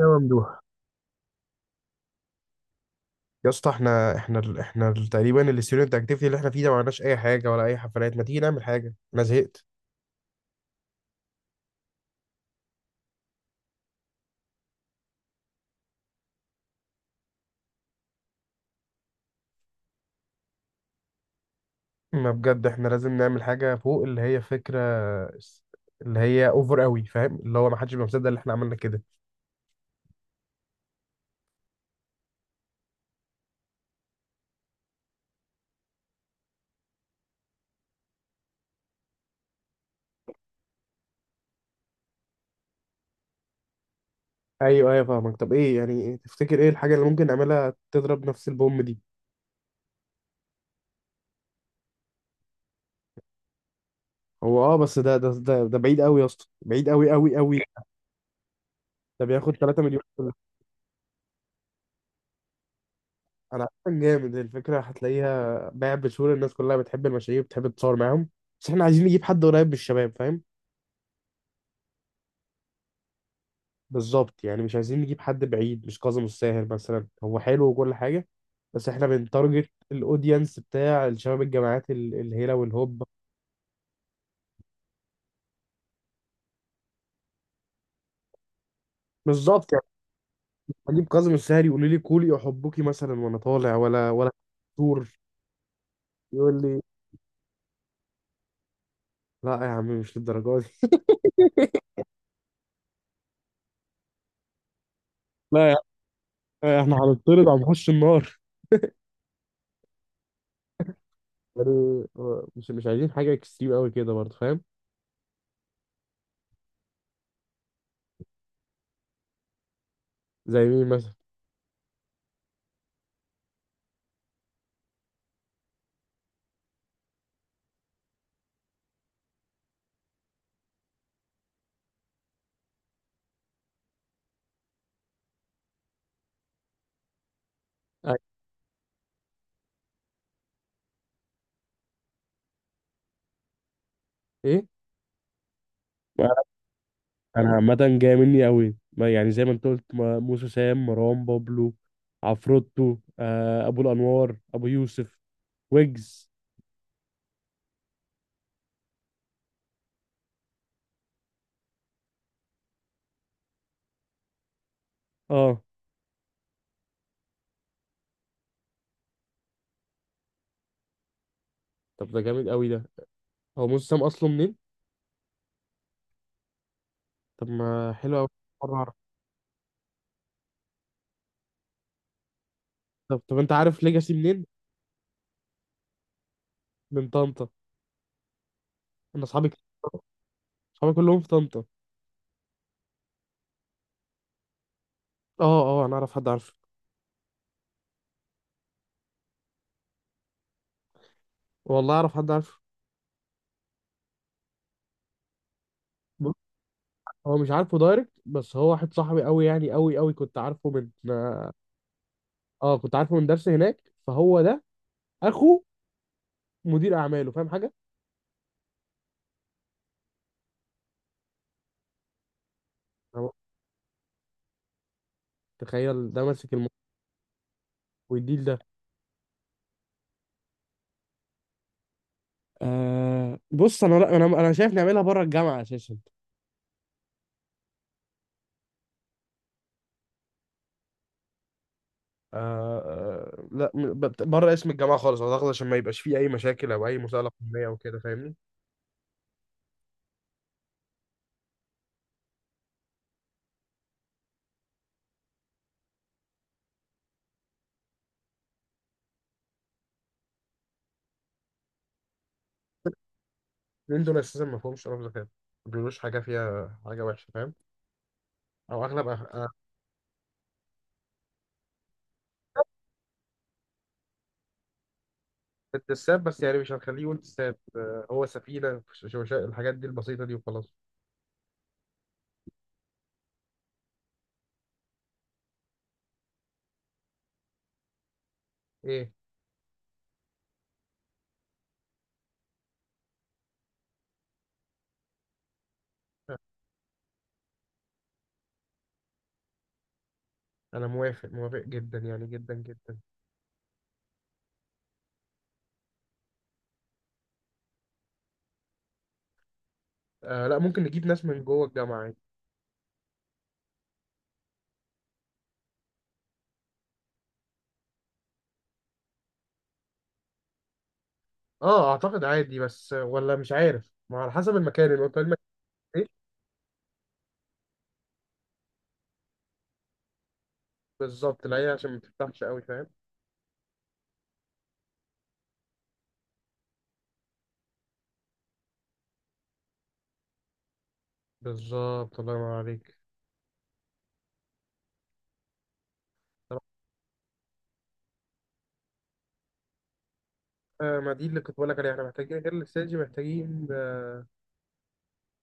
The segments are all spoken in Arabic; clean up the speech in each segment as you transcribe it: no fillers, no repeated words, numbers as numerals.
يا ممدوح يا اسطى احنا تقريبا الستودنت اكتيفيتي اللي احنا فيه ده ما عملناش اي حاجه ولا اي حفلات، ما تيجي نعمل حاجه، انا زهقت. ما بجد احنا لازم نعمل حاجه فوق اللي هي فكره، س- اللي هي اوفر قوي، فاهم؟ اللي هو ما حدش بيبقى مصدق اللي احنا عملنا كده. ايوه ايوه، فاهمك. طب ايه يعني؟ تفتكر ايه الحاجه اللي ممكن نعملها تضرب نفس البوم دي؟ هو اه بس ده بعيد قوي يا اسطى، بعيد قوي قوي قوي. ده بياخد 3 مليون. انا عارف جامد الفكره هتلاقيها باع بسهوله، الناس كلها بتحب المشاريع وبتحب تتصور معاهم. بس احنا عايزين نجيب حد قريب من الشباب، فاهم؟ بالظبط، يعني مش عايزين نجيب حد بعيد، مش كاظم الساهر مثلا، هو حلو وكل حاجه. بس احنا بنتارجت الاودينس بتاع الشباب الجامعات الهيله والهوب. بالظبط يعني. اجيب كاظم الساهر يقول لي كولي احبكي مثلا وانا طالع، ولا ولا؟ دكتور يقول لي، لا يا عم مش للدرجه دي. لا يا عم، احنا هنطرد، هنخش النار يعني. آه، مش عايزين حاجه اكستريم قوي كده برضه، فاهم؟ زي مين مثلا؟ أي- ايه؟ انا أنا عامه جاي مني قوي، ما يعني زي ما انت قلت، موسى سام، مروان بابلو، عفروتو، ابو الانوار، ابو يوسف، ويجز. اه. طب ده جامد قوي ده. هو موسى سام اصله منين؟ طب ما حلو قوي. مرة اعرف. طب انت عارف ليجاسي منين؟ من طنطا. انا اصحابي كتير- اصحابي كلهم في طنطا. اه اه، انا اعرف حد عارفه. والله اعرف حد عارفه. بص، هو مش عارفه دايركت، بس هو واحد صاحبي قوي يعني، قوي قوي، كنت عارفه من درس هناك، فهو ده اخوه مدير اعماله، فاهم حاجه. أهو، تخيل ده ماسك الموضوع، ويديل ده. آه بص، انا، لا، انا شايف نعملها بره الجامعه اساسا. آه آه، لا بره اسم الجامعه خالص اعتقد، عشان ما يبقاش فيه اي مشاكل او اي مساءله قانونيه او كده، فاهمني؟ لان دول اساسا ما فيهمش رمز خير، ما بيقولوش حاجه فيها حاجه وحشه، فاهم؟ او أغلب. التساب بس يعني، مش هنخليه يقول تساب، هو سفينه، الحاجات دي البسيطه دي، وخلاص. ايه، انا موافق موافق جدا يعني، جدا جدا. آه لا، ممكن نجيب ناس من جوه الجامعه. اه، اعتقد عادي، بس ولا مش عارف، ما على حسب المكان، الوقت، المكان. ايه، بالظبط، لا هي عشان ما تفتحش قوي، فاهم؟ بالظبط، الله ينور عليك. طب، ما دي اللي كنت بقول لك عليها، احنا محتاجين غير الاستاد، محتاجين،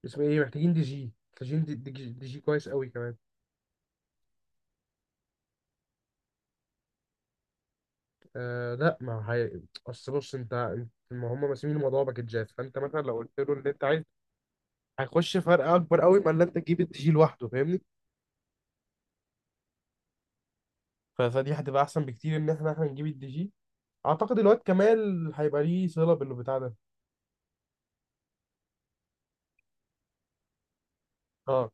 اسمه ايه، محتاجين دي جي، محتاجين دي جي كويس قوي كمان. آه لا، ما هي، اصل بص انت، ما هم ماسمين الموضوع باكجات، فانت مثلا لو قلت له اللي انت عايز هيخش فرق اكبر قوي ما اللي انت تجيب الدي جي لوحده، فاهمني؟ فدي هتبقى احسن بكتير ان احنا نجيب الدي جي. اعتقد الواد كمال هيبقى ليه صله بالبتاع ده. اه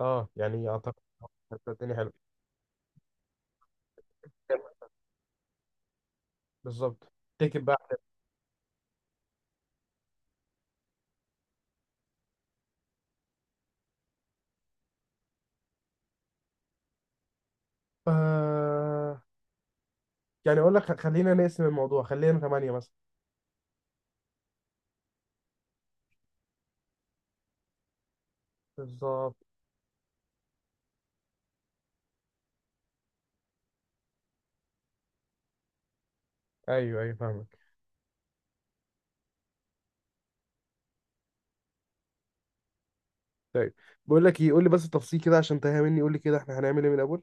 اه، يعني اعتقد هتبقى الدنيا حلوه. بالظبط. تكب بقى. آه، يعني اقول لك، خلينا نقسم الموضوع، خلينا ثمانية مثلا. بالظبط. ايوه ايوه، فاهمك. طيب، بقول لك ايه، قول لي بس التفصيل كده عشان تهيأ مني، قول لي كده احنا هنعمل ايه من الاول.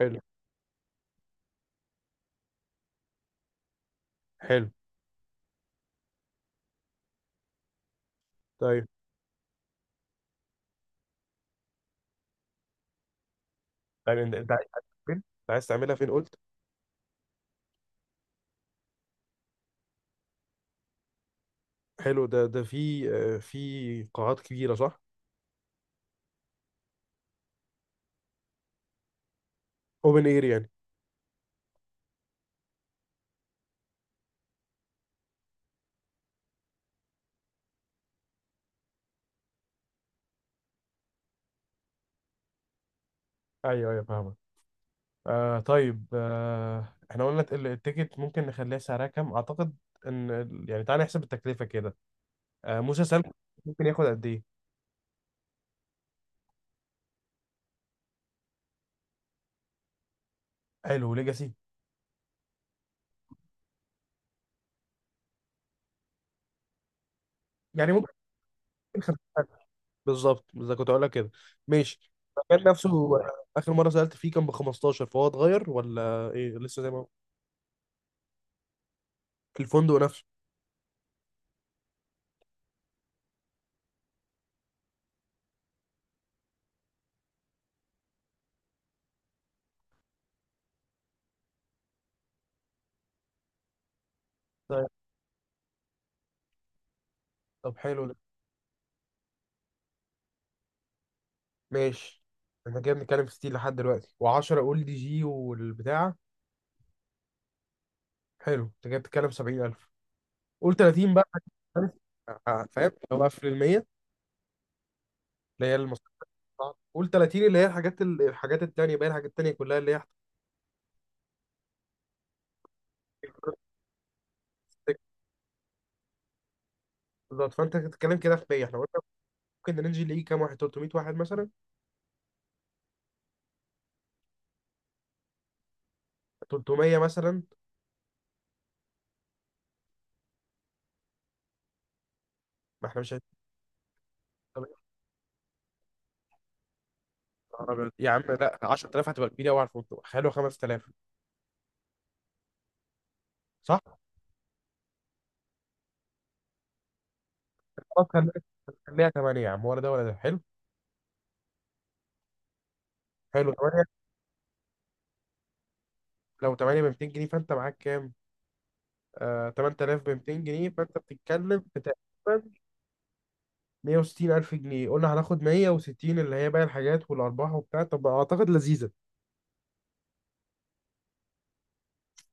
حلو. حلو. طيب، يعني انت عايز تعملها فين؟ انت عايز تعملها فين قلت؟ حلو. ده في؟ آه، في قاعات كبيره، صح؟ اوبن اير يعني. ايوه ايوه، فاهمك. آه طيب، احنا قلنا التيكت ممكن نخليها سعرها كام اعتقد، ان يعني تعالى نحسب التكلفه كده. موسى سام ممكن ياخد قد ايه؟ حلو. ليجاسي يعني ممكن 50,000. بالظبط، اذا كنت هقول لك كده. ماشي. المكان نفسه هو، اخر مره سالت فيه كان ب 15، فهو اتغير ولا ايه لسه زي ما هو؟ الفندق نفسه. طيب. طب حلو ده. ماشي. احنا كده بنتكلم في 60 لحد دلوقتي و10، اقول دي جي والبتاع. حلو. انت كده بتتكلم 70,000. قول 30 بقى، عارف؟ فاهم اللي هو قفل ال 100، اللي هي المصاريف بتاعتك. قول 30 اللي هي الحاجات الحاجات التانية، باقي الحاجات التانية كلها اللي هي. بالظبط، فانت بتتكلم كده في 100، احنا قلنا. ممكن رينج اللي يجي كام واحد؟ 300 واحد مثلا؟ 300 مثلا. ما احنا مش عايزين. طب يا عم لا، 10000 هتبقى كبيره قوي على الفندق، خلوا 5000، صح؟ خلاص خليها. خليها 8 يا عم، ولا ده ولا ده حلو. حلو 8. لو 8 ب 200 جنيه فانت معاك كام؟ آه 8000 ب 200 جنيه، فانت بتتكلم في تقريبا 160 ألف جنيه. قلنا هناخد 160 اللي هي باقي الحاجات والأرباح وبتاع، طب أعتقد لذيذة.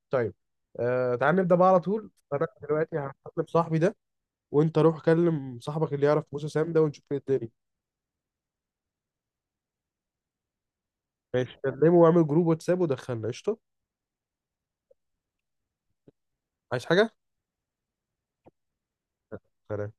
طيب. تعال نبدأ بقى على طول، أنا دلوقتي هكلم صاحبي ده، وأنت روح كلم صاحبك اللي يعرف موسى سام ده، ونشوف ايه الدنيا. ماشي، كلمه واعمل جروب واتساب ودخلنا، قشطة. عايز حاجة؟ سلام.